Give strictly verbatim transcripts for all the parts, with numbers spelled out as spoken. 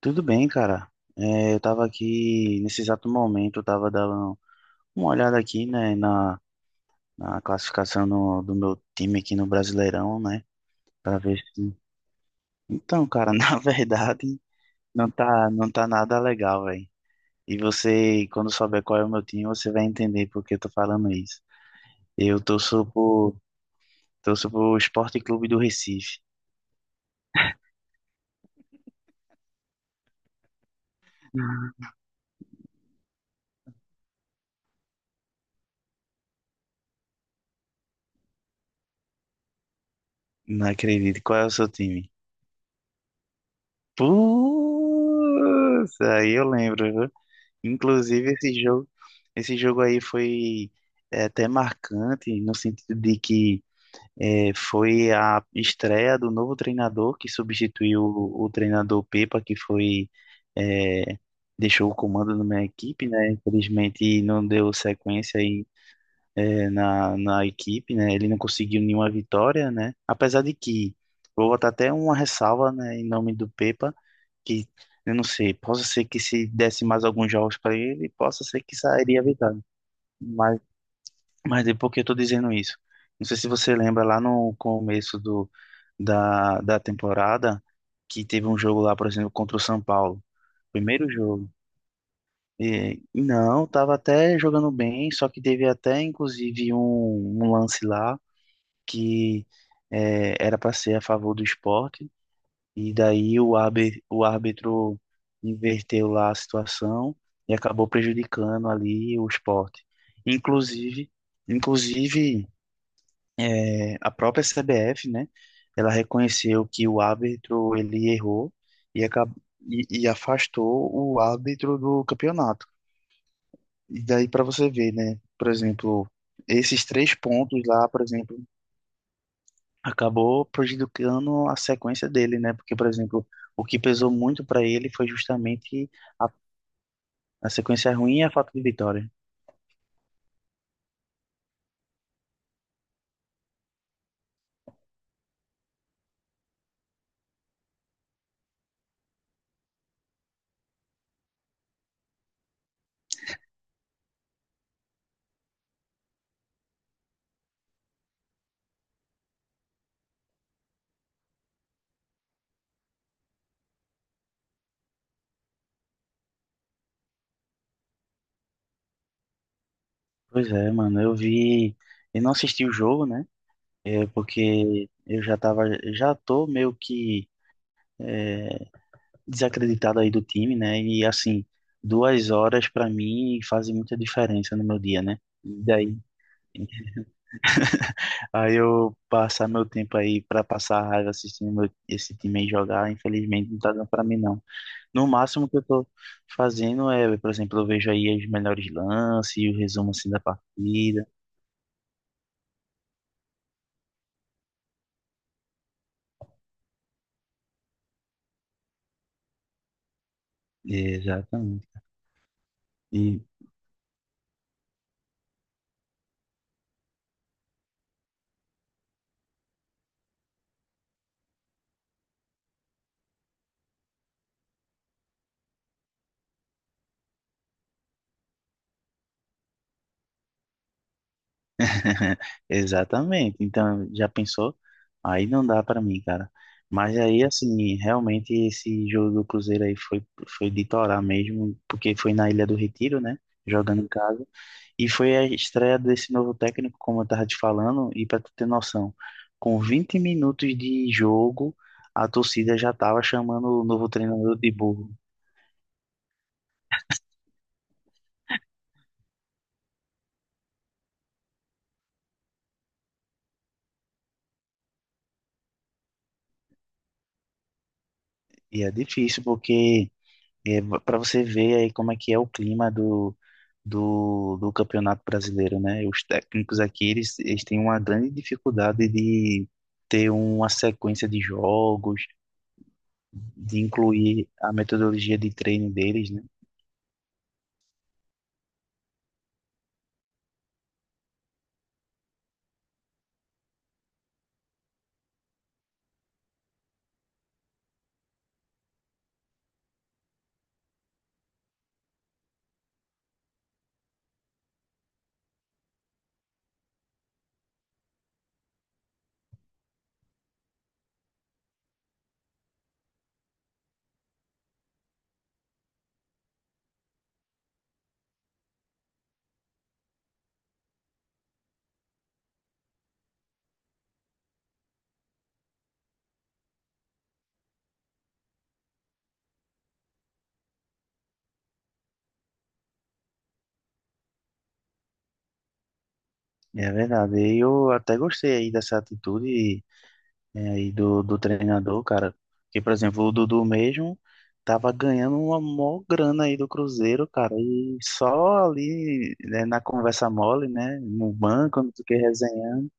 Tudo bem, cara. É, eu tava aqui, nesse exato momento, eu tava dando uma olhada aqui, né, na, na classificação no- do meu time aqui no Brasileirão, né, pra ver se... Então, cara, na verdade, não tá, não tá nada legal, velho. E você, quando souber qual é o meu time, você vai entender por que eu tô falando isso. Eu torço pro, torço pro Sport Clube do Recife. Não acredito. Qual é o seu time? Putz, aí eu lembro, viu? Inclusive, esse jogo, Esse jogo aí foi é, até marcante, no sentido de que é, foi a estreia do novo treinador que substituiu o, o treinador Pepa, que foi, é, deixou o comando na minha equipe, né? Infelizmente, não deu sequência aí, é, na, na equipe, né? Ele não conseguiu nenhuma vitória, né? Apesar de que, vou botar até uma ressalva, né, em nome do Pepa que eu não sei, possa ser que se desse mais alguns jogos para ele, possa ser que sairia vitória. Mas, mas é porque eu tô dizendo isso. Não sei se você lembra lá no começo do, da, da temporada que teve um jogo lá, por exemplo, contra o São Paulo. Primeiro jogo. E, não, tava até jogando bem, só que teve até inclusive um, um lance lá que eh, era para ser a favor do Sport e daí o árbitro, o árbitro inverteu lá a situação e acabou prejudicando ali o esporte. Inclusive, inclusive eh, a própria C B F, né? Ela reconheceu que o árbitro ele errou e, acab e, e afastou o árbitro do campeonato. E daí para você ver, né? Por exemplo, esses três pontos lá, por exemplo, acabou prejudicando a sequência dele, né? Porque, por exemplo, o que pesou muito pra ele foi justamente a, a sequência ruim e a falta de vitória. Pois é, mano, eu vi, eu não assisti o jogo, né? É porque eu já tava, já tô meio que é, desacreditado aí do time, né? E assim, duas horas pra mim fazem muita diferença no meu dia, né? E daí, aí eu passar meu tempo aí pra passar raiva assistindo meu- esse time aí jogar, infelizmente não tá dando pra mim não. No máximo que eu tô fazendo é, por exemplo, eu vejo aí os melhores lances e o resumo assim da partida. Exatamente. E- Exatamente. Então, já pensou? Aí não dá pra mim, cara. Mas aí, assim, realmente esse jogo do Cruzeiro aí foi, foi de torar mesmo, porque foi na Ilha do Retiro, né? Jogando em casa. E foi a estreia desse novo técnico, como eu estava te falando, e para tu ter noção, com vinte minutos de jogo, a torcida já estava chamando o novo treinador de burro. E é difícil, porque é, para você ver aí como é que é o clima do, do, do Campeonato Brasileiro, né? Os técnicos aqui, eles, eles têm uma grande dificuldade de ter uma sequência de jogos, de incluir a metodologia de treino deles, né? É verdade. E eu até gostei aí dessa atitude é, aí do, do treinador, cara. Que, por exemplo, o Dudu mesmo tava ganhando uma mó grana aí do Cruzeiro, cara. E só ali, né, na conversa mole, né? No banco, não sei o que, resenhando.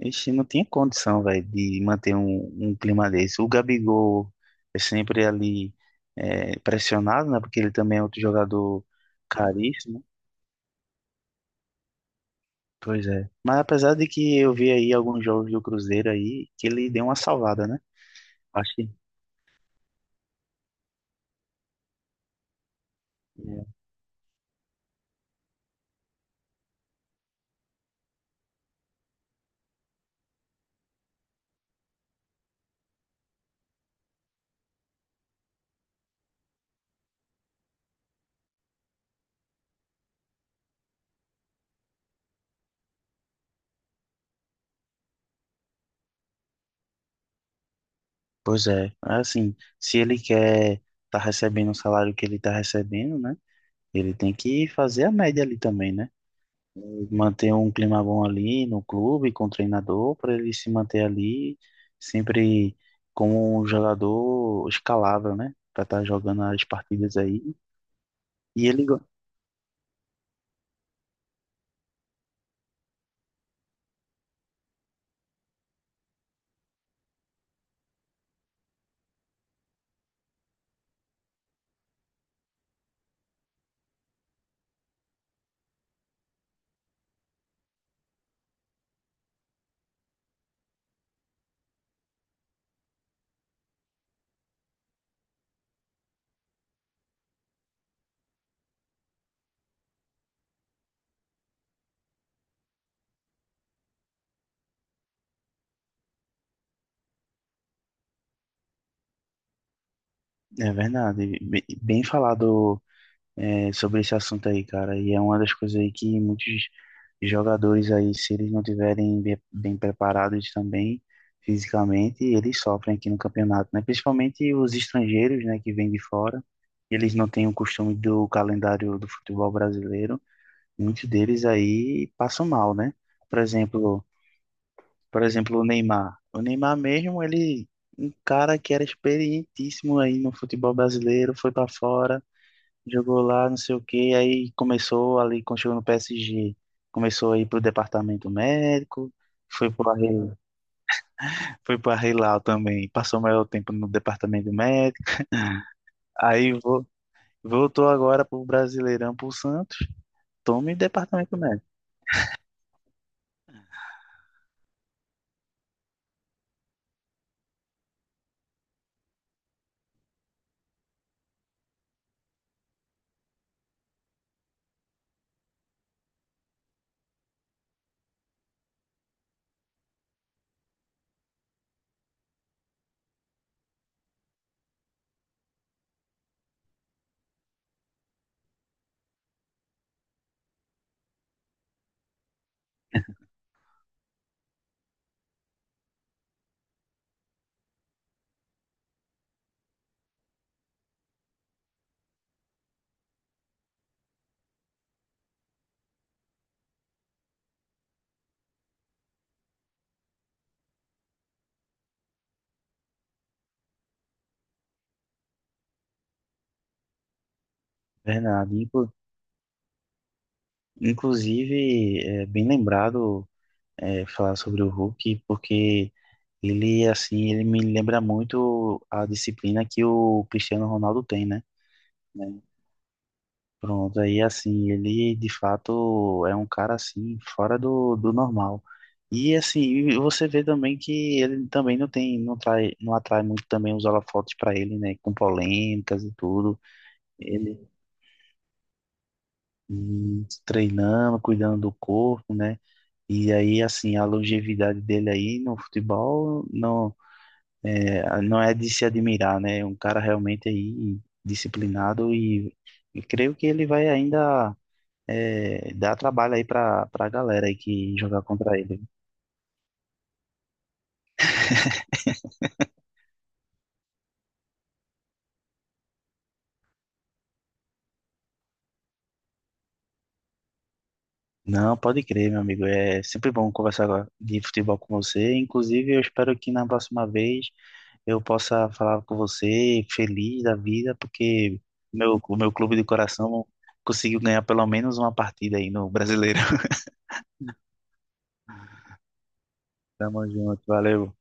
Ixi, não tinha condição, velho, de manter um, um clima desse. O Gabigol é sempre ali é, pressionado, né? Porque ele também é outro jogador caríssimo. Pois é. Mas apesar de que eu vi aí alguns jogos do Cruzeiro aí, que ele deu uma salvada, né? Acho que é. Pois é. Assim, se ele quer tá recebendo o salário que ele tá recebendo, né? Ele tem que fazer a média ali também, né? Manter um clima bom ali no clube, com o treinador, para ele se manter ali sempre como um jogador escalável, né? Para estar jogando as partidas aí. E ele. go- É verdade. Bem bem falado é, sobre esse assunto aí, cara. E é uma das coisas aí que muitos jogadores aí, se eles não tiverem be- bem preparados também fisicamente, eles sofrem aqui no campeonato, né? Principalmente os estrangeiros, né, que vêm de fora. Eles não têm o costume do calendário do futebol brasileiro. Muitos deles aí passam mal, né? Por exemplo, por exemplo, o Neymar. O Neymar mesmo, ele, um cara que era experientíssimo aí no futebol brasileiro, foi para fora. Jogou lá, não sei o que aí começou ali, quando chegou no P S G, começou a ir pro departamento médico, foi pro al foi pro al também, passou o maior tempo no departamento médico, aí vo- voltou agora pro Brasileirão, pro Santos, tome departamento médico. Bernardo, inclu- Inclusive, é bem lembrado é, falar sobre o Hulk, porque ele, assim, ele me lembra muito a disciplina que o Cristiano Ronaldo tem, né? Pronto, aí assim, ele de fato é um cara assim, fora do, do normal. E assim, e você vê também que ele também não tem, não trai, não atrai muito também os holofotes para ele, né? Com polêmicas e tudo. Ele hum, treinando, cuidando do corpo, né? E aí, assim, a longevidade dele aí no futebol não é, não é de se admirar, né? É um cara realmente aí disciplinado e, e creio que ele vai ainda. É, dá trabalho aí pra, pra galera aí que jogar contra ele. Não, pode crer, meu amigo. É sempre bom conversar agora de futebol com você. Inclusive, eu espero que na próxima vez eu possa falar com você feliz da vida, porque meu, o meu clube de coração conseguiu ganhar pelo menos uma partida aí no Brasileiro. Tamo junto, valeu.